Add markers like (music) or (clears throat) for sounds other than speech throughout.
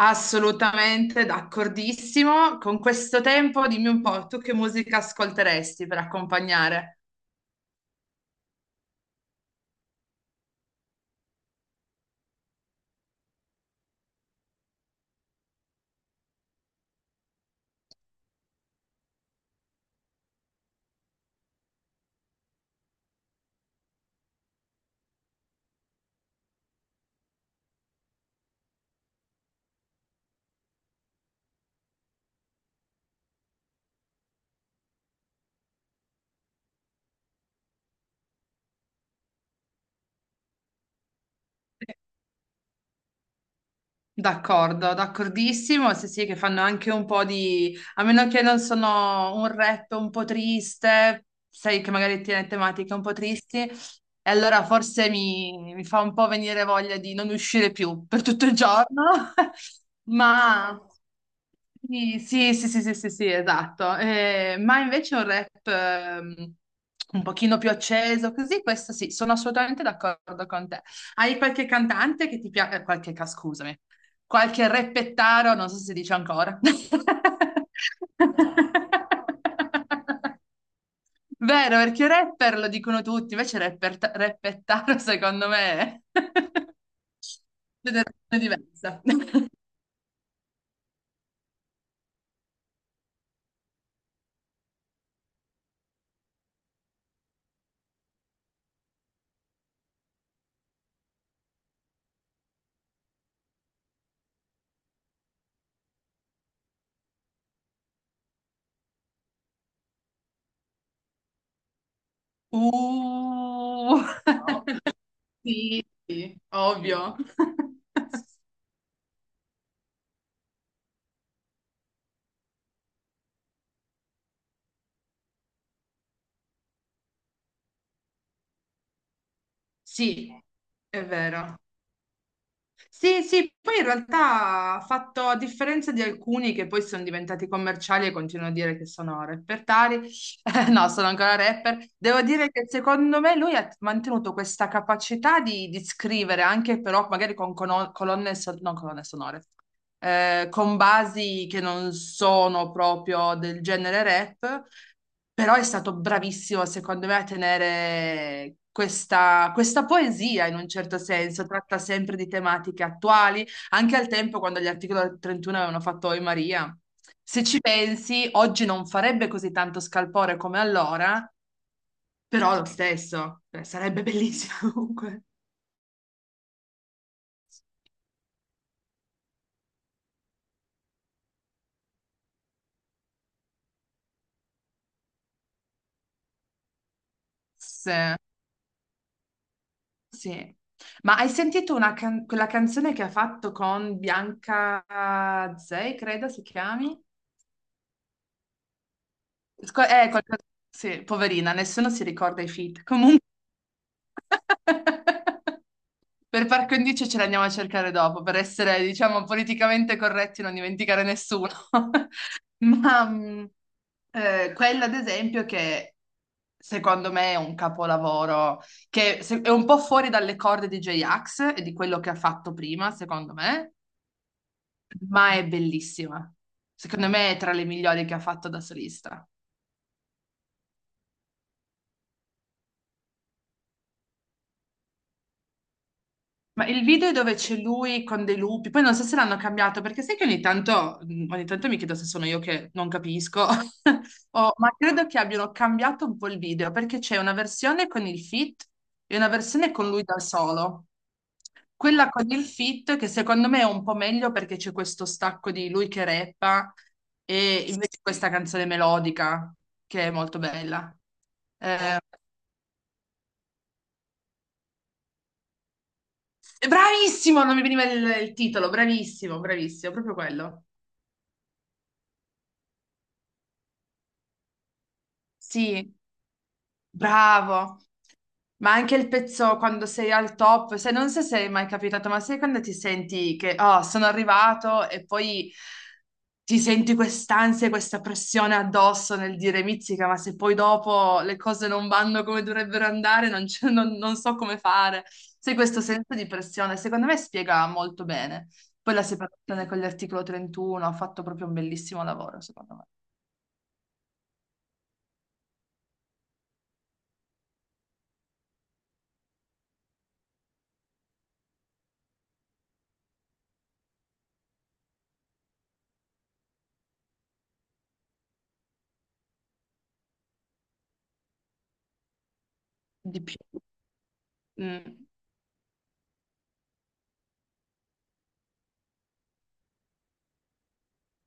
Assolutamente d'accordissimo. Con questo tempo, dimmi un po', tu che musica ascolteresti per accompagnare? D'accordo, d'accordissimo. Sì, sì, che fanno anche un po' di... A meno che non sono un rap un po' triste, sai che magari tiene tematiche un po' tristi, e allora forse mi fa un po' venire voglia di non uscire più per tutto il giorno. (laughs) Ma sì, sì, sì, sì, sì, sì, sì, esatto. Ma invece un rap un pochino più acceso, così, questo sì, sono assolutamente d'accordo con te. Hai qualche cantante che ti piace, qualche, scusami, qualche reppettaro, non so se si dice ancora. (laughs) Vero, perché rapper lo dicono tutti, invece rapper, reppettaro secondo me è (laughs) una generazione diversa. (laughs) Uh, (laughs) sì, sì, ovvio. (laughs) Sì, è vero. Sì, sì, poi in realtà ha fatto, a differenza di alcuni che poi sono diventati commerciali e continuano a dire che sono repertari, (laughs) no, sono ancora rapper, devo dire che secondo me lui ha mantenuto questa capacità di scrivere anche però magari con colonne, non colonne sonore, con basi che non sono proprio del genere rap, però è stato bravissimo, secondo me, a tenere questa, questa poesia in un certo senso. Tratta sempre di tematiche attuali, anche al tempo quando gli articoli del 31 avevano fatto Oi Maria. Se ci pensi, oggi non farebbe così tanto scalpore come allora, però lo stesso, sarebbe bellissimo (laughs) comunque. Sì. Sì. Ma hai sentito una quella canzone che ha fatto con Bianca Zey, credo si chiami? Sco- eh, qualcosa- Sì, poverina, nessuno si ricorda i feat. Comunque... (laughs) Per par condicio ce l'andiamo a cercare dopo, per essere, diciamo, politicamente corretti e non dimenticare nessuno. (laughs) Ma quella, ad esempio, che secondo me è un capolavoro, che è un po' fuori dalle corde di J-Ax e di quello che ha fatto prima, secondo me, ma è bellissima. Secondo me è tra le migliori che ha fatto da solista. Ma il video è dove c'è lui con dei lupi, poi non so se l'hanno cambiato, perché sai che ogni tanto, mm, ogni tanto mi chiedo se sono io che non capisco, (laughs) ma credo che abbiano cambiato un po' il video, perché c'è una versione con il fit e una versione con lui da solo. Quella con il fit, che secondo me è un po' meglio perché c'è questo stacco di lui che rappa e invece questa canzone melodica, che è molto bella. Eh, bravissimo, non mi veniva il titolo, bravissimo, bravissimo, proprio quello. Sì, bravo. Ma anche il pezzo quando sei al top, se non so se è mai capitato, ma sai quando ti senti che oh, sono arrivato e poi ti senti quest'ansia, e questa pressione addosso nel dire mizzica, ma se poi dopo le cose non vanno come dovrebbero andare, non, non so come fare. Sai, questo senso di pressione, secondo me spiega molto bene. Poi la separazione con l'articolo 31 ha fatto proprio un bellissimo lavoro, secondo me. Di più. Mm.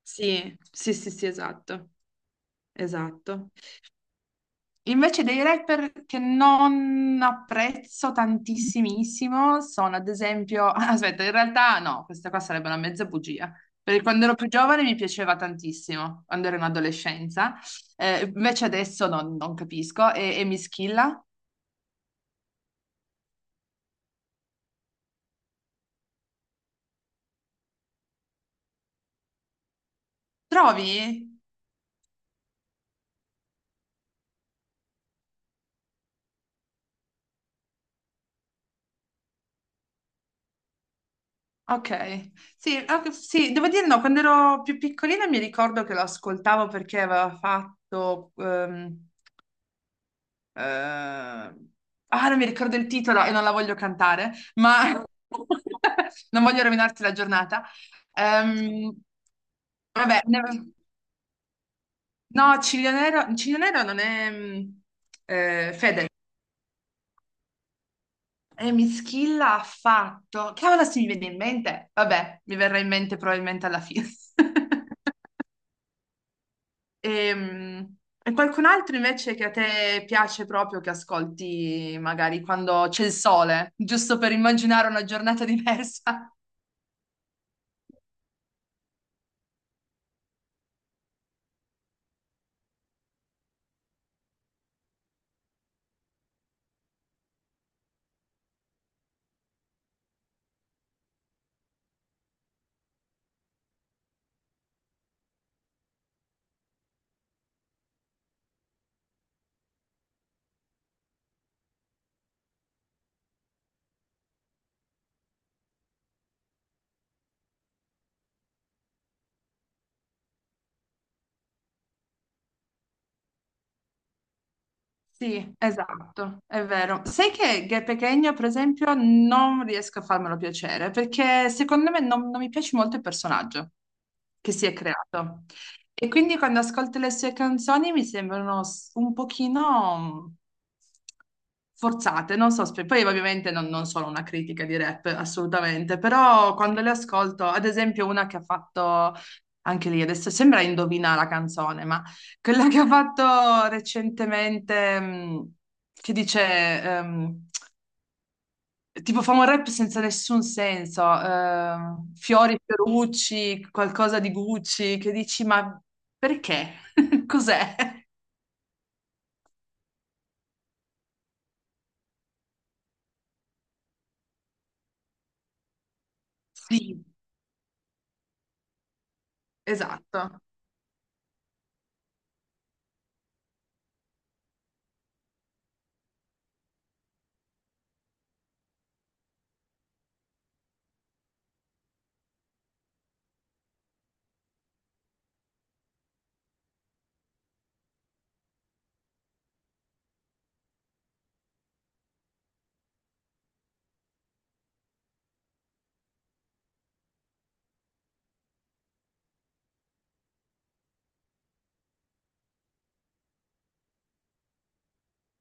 Sì, sì, sì, sì, esatto, esatto. Invece dei rapper che non apprezzo tantissimissimo sono ad esempio, (laughs) aspetta, in realtà no, questa qua sarebbe una mezza bugia, perché quando ero più giovane mi piaceva tantissimo, quando ero in adolescenza. Invece adesso non, non capisco e mi schilla. Trovi? Ok, sì, ok, sì, devo dire no, quando ero più piccolina mi ricordo che lo ascoltavo perché aveva fatto... eh, ah, non mi ricordo il titolo e non la voglio cantare, ma (laughs) non voglio rovinarti la giornata. Ehm, vabbè, ne- no, Ciglio Nero, Ciglio Nero non è Fede. E Mischilla ha fatto. Cavolo, se mi viene in mente. Vabbè, mi verrà in mente probabilmente alla fine. (laughs) Ehm, qualcun altro invece che a te piace proprio che ascolti magari quando c'è il sole, giusto per immaginare una giornata (laughs) diversa? Sì, esatto, è vero. Sai che Ghe Pequeno, per esempio, non riesco a farmelo piacere perché secondo me non, non mi piace molto il personaggio che si è creato. E quindi quando ascolto le sue canzoni mi sembrano un pochino mm, forzate, non so, poi ovviamente non, non sono una critica di rap, assolutamente, però quando le ascolto, ad esempio una che ha fatto anche lì, adesso sembra indovina la canzone, ma quella che ho fatto recentemente, che dice, ehm, tipo fa un rap senza nessun senso, fiori, Fiorucci, qualcosa di Gucci, che dici, ma perché? (laughs) Cos'è? Sì, esatto,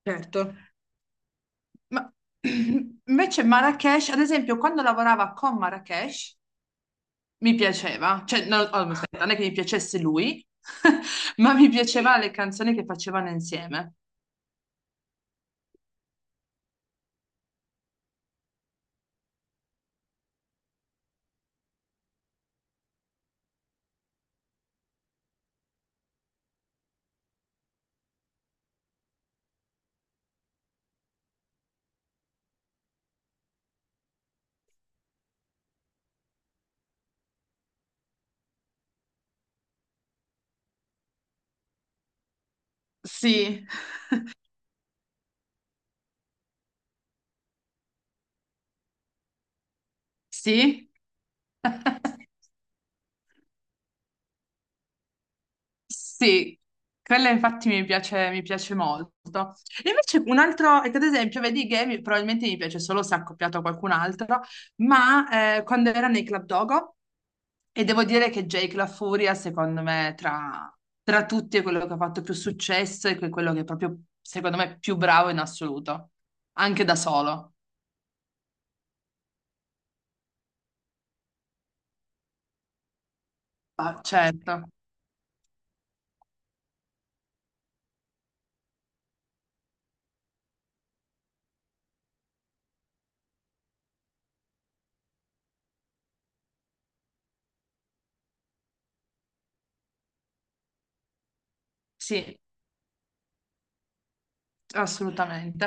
certo. Ma (clears throat) invece Marrakesh, ad esempio, quando lavorava con Marrakesh, mi piaceva, cioè, no, oh, aspetta, non è che mi piacesse lui, (laughs) ma mi piaceva le canzoni che facevano insieme. Sì. Sì? (laughs) Sì, quella infatti mi piace molto. E invece un altro, ecco, ad esempio, vedi che probabilmente mi piace solo se accoppiato a qualcun altro, ma quando era nei Club Dogo, e devo dire che Jake La Furia, secondo me, tra, tra tutti è quello che ha fatto più successo e quello che è proprio, secondo me, più bravo in assoluto, anche da solo. Ah, certo, sì, assolutamente.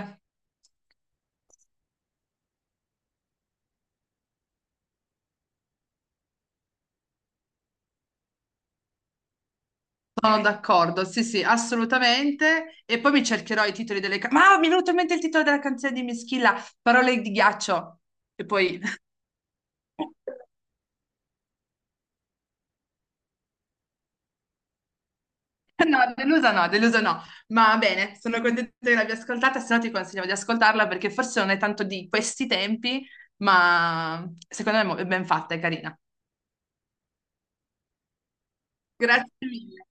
Sono d'accordo, sì, sì, assolutamente. E poi mi cercherò i titoli delle canzoni. Ma mi è venuto in mente il titolo della canzone di Mischilla, Parole di ghiaccio. E poi... (laughs) No, delusa no, delusa no. Ma va bene, sono contenta che l'abbia ascoltata, se no ti consigliamo di ascoltarla perché forse non è tanto di questi tempi, ma secondo me è è ben fatta, è carina. Grazie mille.